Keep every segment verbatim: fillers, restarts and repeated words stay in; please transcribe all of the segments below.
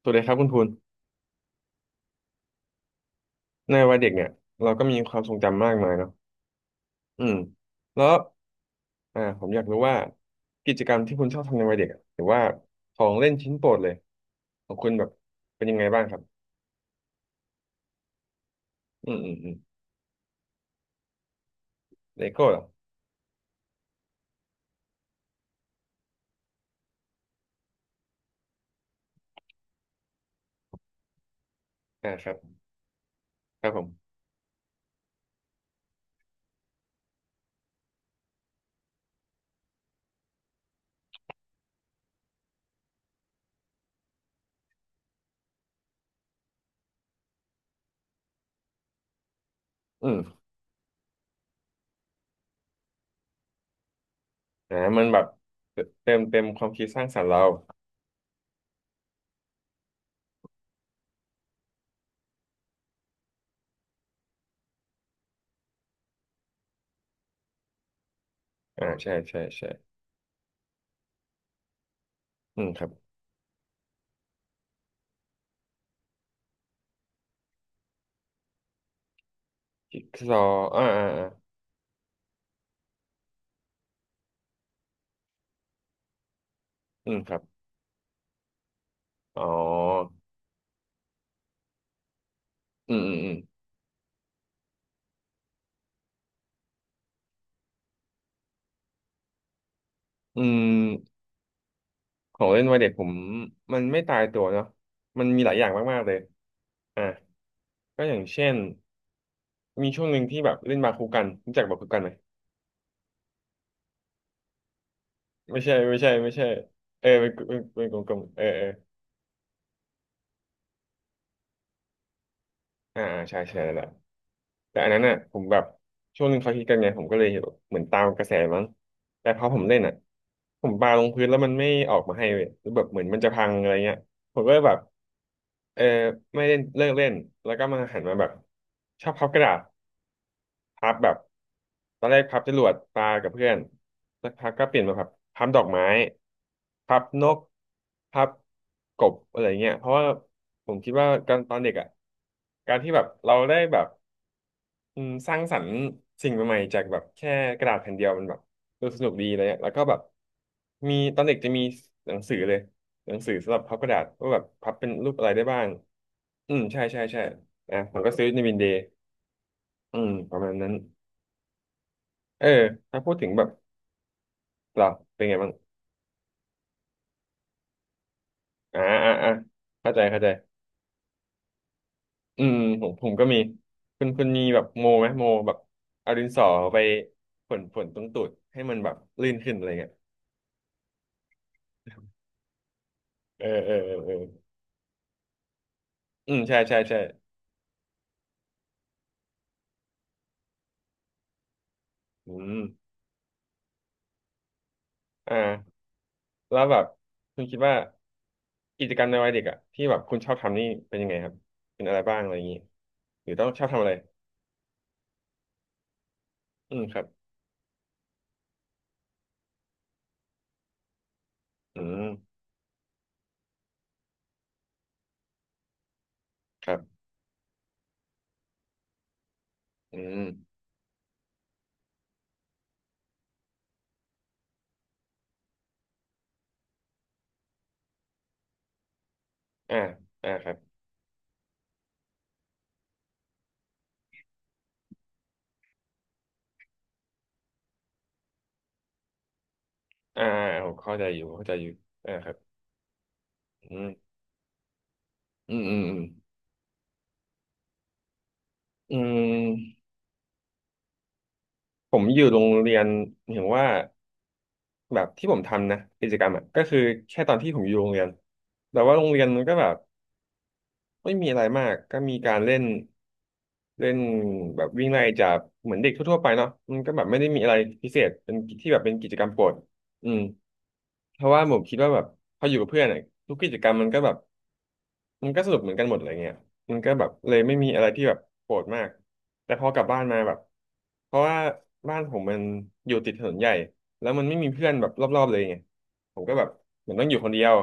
สวัสดีครับคุณภูนในวัยเด็กเนี่ยเราก็มีความทรงจำมากมายเนาะอืมแล้วอ่าผมอยากรู้ว่ากิจกรรมที่คุณชอบทำในวัยเด็กอะหรือว่าของเล่นชิ้นโปรดเลยของคุณแบบเป็นยังไงบ้างครับอืมอืมอืมเลโก้เหรออ่าครับครับผมอืมอ่ามันแบบเติมเต็มความคิดสร้างสรรค์เราอ่าใช่ใช่ใช่อืมครับจิ๊กซอว์อ่าอ่าอ่าอืมครับอ๋ออืมอืมอืมอืม ของเล่นวัยเด็กผมมันไม่ตายตัวเนาะมันมีหลายอย่างมากๆเลยอ่ะก็อย่างเช่นมีช่วงหนึ่งที่แบบเล่นบาคูกันรู้จักบาคูกันไหมไม่ใช่ไม่ใช่ไม่ใช่เออเป็นเป็นเป็นกลมๆเออเอออ่าอ่าใช่ใช่แล้วแหละแต่อันนั้นน่ะผมแบบช่วงหนึ่งเขาฮิตกันไงผมก็เลยเหมือนตามกระแสมั้งแต่พอผมเล่นอ่ะผมปาลงพื้นแล้วมันไม่ออกมาให้เว้ยหรือแบบเหมือนมันจะพังอะไรเงี้ยผมก็เลยแบบเออไม่เล่นเลิกเล่นแล้วก็มาหันมาแบบชอบพับกระดาษ พับแบบตอนแรกพับจรวดปลากับเพื่อนสักพักก็เปลี่ยนมาพับพับดอกไม้พับนกพับกบอะไรเงี้ยเพราะว่าผมคิดว่าการตอนเด็กอ่ะการที่แบบเราได้แบบอืมสร้างสรรค์สิ่งใหม่ๆจากแบบแค่กระดาษแผ่นเดียวมันแบบดูสนุกดีอะไรเงี้ยอะแล้วก็แบบมีตอนเด็กจะมีหนังสือเลยหนังสือสำหรับพับกระดาษว่าแบบพับเป็นรูปอะไรได้บ้างอืมใช่ใช่ใช่อ่ะผมก็ซื้อในวินเดย์อืมประมาณนั้น เออถ้าพูดถึงแบบเราเป็นไงบ้างอ่าอ่าอ่าเข้าใจเข้าใจอืมผมผมก็มีคุณคุณมีแบบโมไหมโมแบบเอาดินสอไปฝนฝนตรงตูดให้มันแบบลื่นขึ้นอะไรเงี้ยเออเออเออเอออืมใช่ใช่ใช่อืมอ่าแล้วแบบคุณคิดว่ากิจกรรมในวัยเด็กอะที่แบบคุณชอบทำนี่เป็นยังไงครับเป็นอะไรบ้างอะไรอย่างงี้หรือต้องชอบทำอะไรอืมครับอืมครับอืมอ่าอ่าครับอ่าผมเข้าใจอยู่เข้าใจอยู่อ่าครับ อืมอืมอืมอืมอืมผมอยู่โรงเรียนเห็นว่าแบบที่ผมทำนะกิจกรรมอ่ะก็คือแค่ตอนที่ผมอยู่โรงเรียนแต่ว่าโรงเรียนมันก็แบบไม่มีอะไรมากก็มีการเล่นเล่นแบบวิ่งไล่จับเหมือนเด็กทั่วๆไปเนาะมันก็แบบไม่ได้มีอะไรพิเศษเป็นที่แบบเป็นกิจกรรมโปรดอืมเพราะว่าผมคิดว่าแบบพออยู่กับเพื่อนอะทุกกิจกรรมมันก็แบบ มันก็สรุปเหมือนกันหมดอะไรเงี้ยมันก็แบบเลยไม่มีอะไรที่แบบโกรธมาก แต่พอกลับบ้านมาแบบเพราะว่าบ้านผมมันอยู่ติดถนนใหญ่ แล้วมันไม่มีเพื่อนแบบรอบๆเลยไงผมก็แบบเหมือนต้องอยู่คนเดียว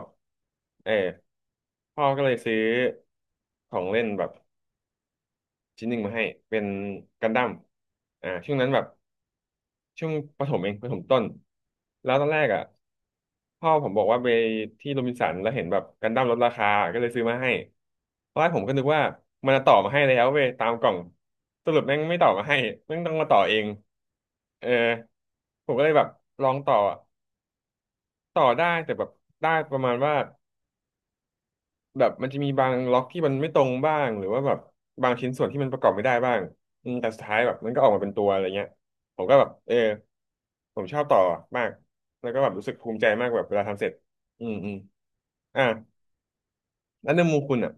เออพ่อก็เลยซื้อของเล่นแบบชิ้นหนึ่งมาให้ เป็นกันดั้มอ่าช่วงนั้นแบบ ช่วงประถมเองประถมต้นแล้วตอนแรกอ่ะพ่อผมบอกว่าไปที่โรบินสันแล้วเห็นแบบกันดั้มลดราคาก็เลยซื้อมาให้ตอนแรกผมก็นึกว่ามันจะต่อมาให้แล้วเว้ยตามกล่องสรุปแม่งไม่ต่อมาให้แม่งต้องมาต่อเองเออผมก็เลยแบบลองต่อต่อได้แต่แบบได้ประมาณว่าแบบมันจะมีบางล็อกที่มันไม่ตรงบ้างหรือว่าแบบบางชิ้นส่วนที่มันประกอบไม่ได้บ้างอืมแต่สุดท้ายแบบมันก็ออกมาเป็นตัวอะไรเงี้ยผมก็แบบเออ ผมชอบต่อมาก แล้วก็แบบรู้สึกภูมิใจมากแบบเวลาทำเสร็จอืมอืมอ่ะแล้วในมุมคุณอ่ะ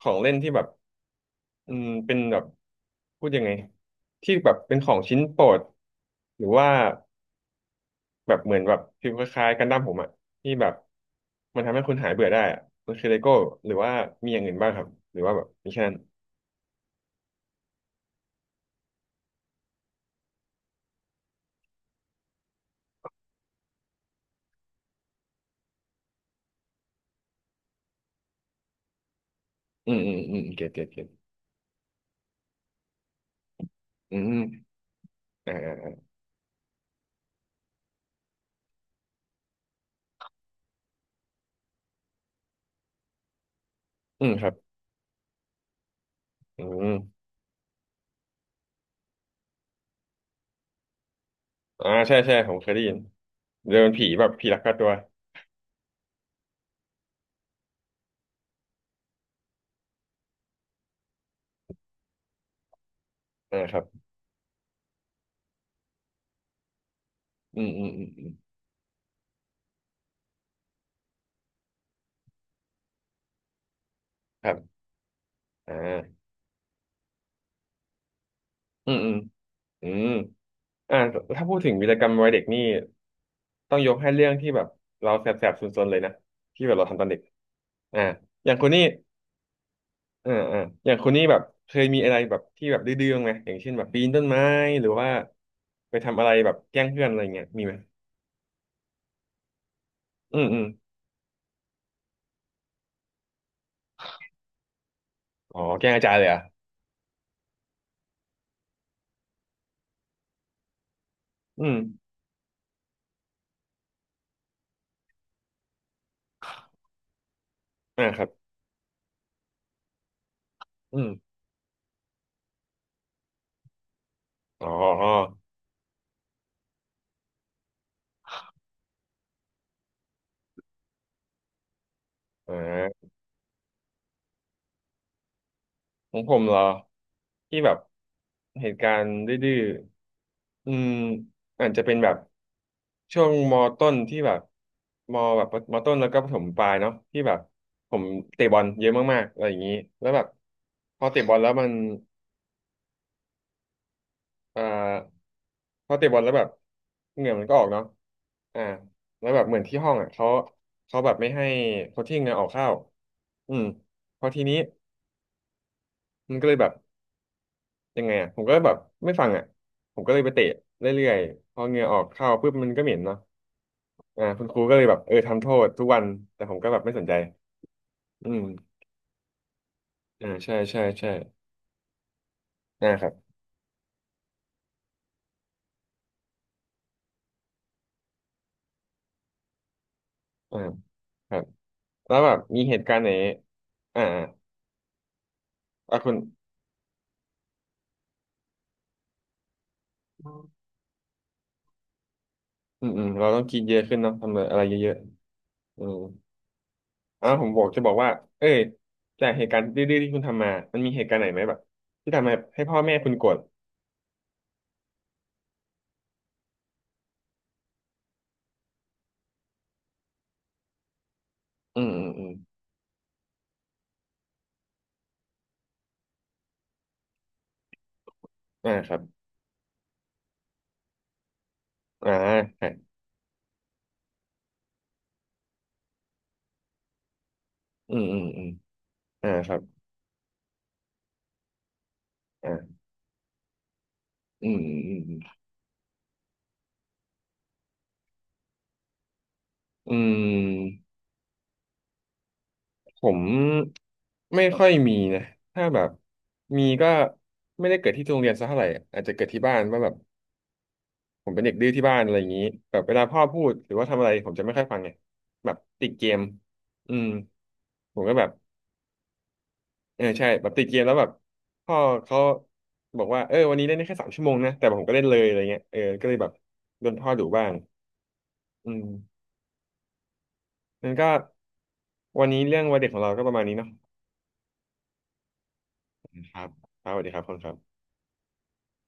ของเล่นที่แบบอืมเป็นแบบพูดยังไงที่แบบเป็นของชิ้นโปรดหรือว่าแบบเหมือนแบบฟิลคล้ายๆกันดั้มผมอ่ะที่แบบมันทำให้คุณหายเบื่อได้อ่ะมันคือเลโก้หรือว่ามีอย่างอื่นบ้างครับหรือว่าแบบมีแค่นั้นอืมอืมอืมเก็ตเก็ตเก็ตอืมอ่าอ่าอ่าอืมครับอืมอ่าใช่ใช่ผมเคยได้ยินเดินผีแบบผีลักพาตัวอ่าครับ อืมอืมอืมอืมครับอ่าอืมอืมอืมอ่าถ้าพูดถึงวีรกรรมวัยเด็กนี่ต้องยกให้เรื่องที่แบบเราแสบแสบซนๆเลยนะที่แบบเราทำตอนเด็กอ่าอย่างคุณนี่อ่าอ่าอย่างคุณนี่แบบเคยมีอะไรแบบที่แบบดื้อๆบ้างไหมอย่างเช่นแบบปีนต้นไม้หรือว่าไปทำอะไรแบบแกล้งเพื่อนอะไรเงี้ยมีไหมอืมอืมอ๋อแกล้งอาจารย์เลยเหรอ่ะอืมอ่าครับอืมอ๋ออ๋ออ่าของผมเหรอที่แบบเหตุการณ์ดื้อๆ อืมอาจจะเป็นแบบช่วงมต้นที่แบบมแบบมต้นแล้วก็ประถมปลายเนาะที่แบบผมเตะบอลเยอะมากๆอะไรอย่างนี้แล้วแบบพอเตะบอลแล้วมันเอ่อพอเตะบอลแล้วแบบเหงื่อมันก็ออกเนาะอ่าแล้วแบบเหมือนที่ห้องอ่ะเขาเขาแบบไม่ให้โค้ชชิ่งเนี่ยออกเข้าอืมพอทีนี้มันก็เลยแบบยังไงอ่ะผมก็แบบไม่ฟังอ่ะผมก็เลยไปเตะเรื่อยๆพอเหงื่อออกเข้าปุ๊บมันก็เหม็นเนาะ อ่าคุณครูก็เลยแบบเออทำโทษทุกวันแต่ผมก็แบบไม่สนใจอืมอ่าใช่ใช่ใช่นะครับอ่าครับแล้วแบบมีเหตุการณ์ไหนอ่าอ่าอ่ะคุณอืมอืมเราต้องกินเยอะขึ้นเนาะทำอะไรเยอะๆอืมอ่าผมบอกจะบอกว่าเอ้ยจากเหตุการณ์ดื้อๆที่คุณทำมามันมีเหตุการณ์ไหนไหมแบบที่ทำให้ให้พ่อแม่คุณโกรธอืมอืมอืมอ่าครับอ่าใช่อืมอืมอืมอ่าครับอ่าอืมอืมอืมอืม ผมไม่ค่อยมีนะถ้าแบบมีก็ไม่ได้เกิดที่โรงเรียนซะเท่าไหร่อาจจะเกิดที่บ้านว่าแบบผมเป็นเด็กดื้อที่บ้านอะไรอย่างนี้แบบเวลาพ่อพูดหรือว่าทำอะไรผมจะไม่ค่อยฟังไงแบบติดเกมอืมผมก็แบบเออใช่แบบติดเกมแล้วแบบพ่อเขาบอกว่าเออวันนี้เล่นได้แค่สามชั่วโมงนะแต่ผมก็เล่นเลยอะไรเงี้ยเออก็เลยแบบโดนพ่อดุบ้างอืมนั่นก็วันนี้เรื่องวัยเด็กของเราก็ประมาณนี้เนาะครับครับสวัสดีครับคุณครับ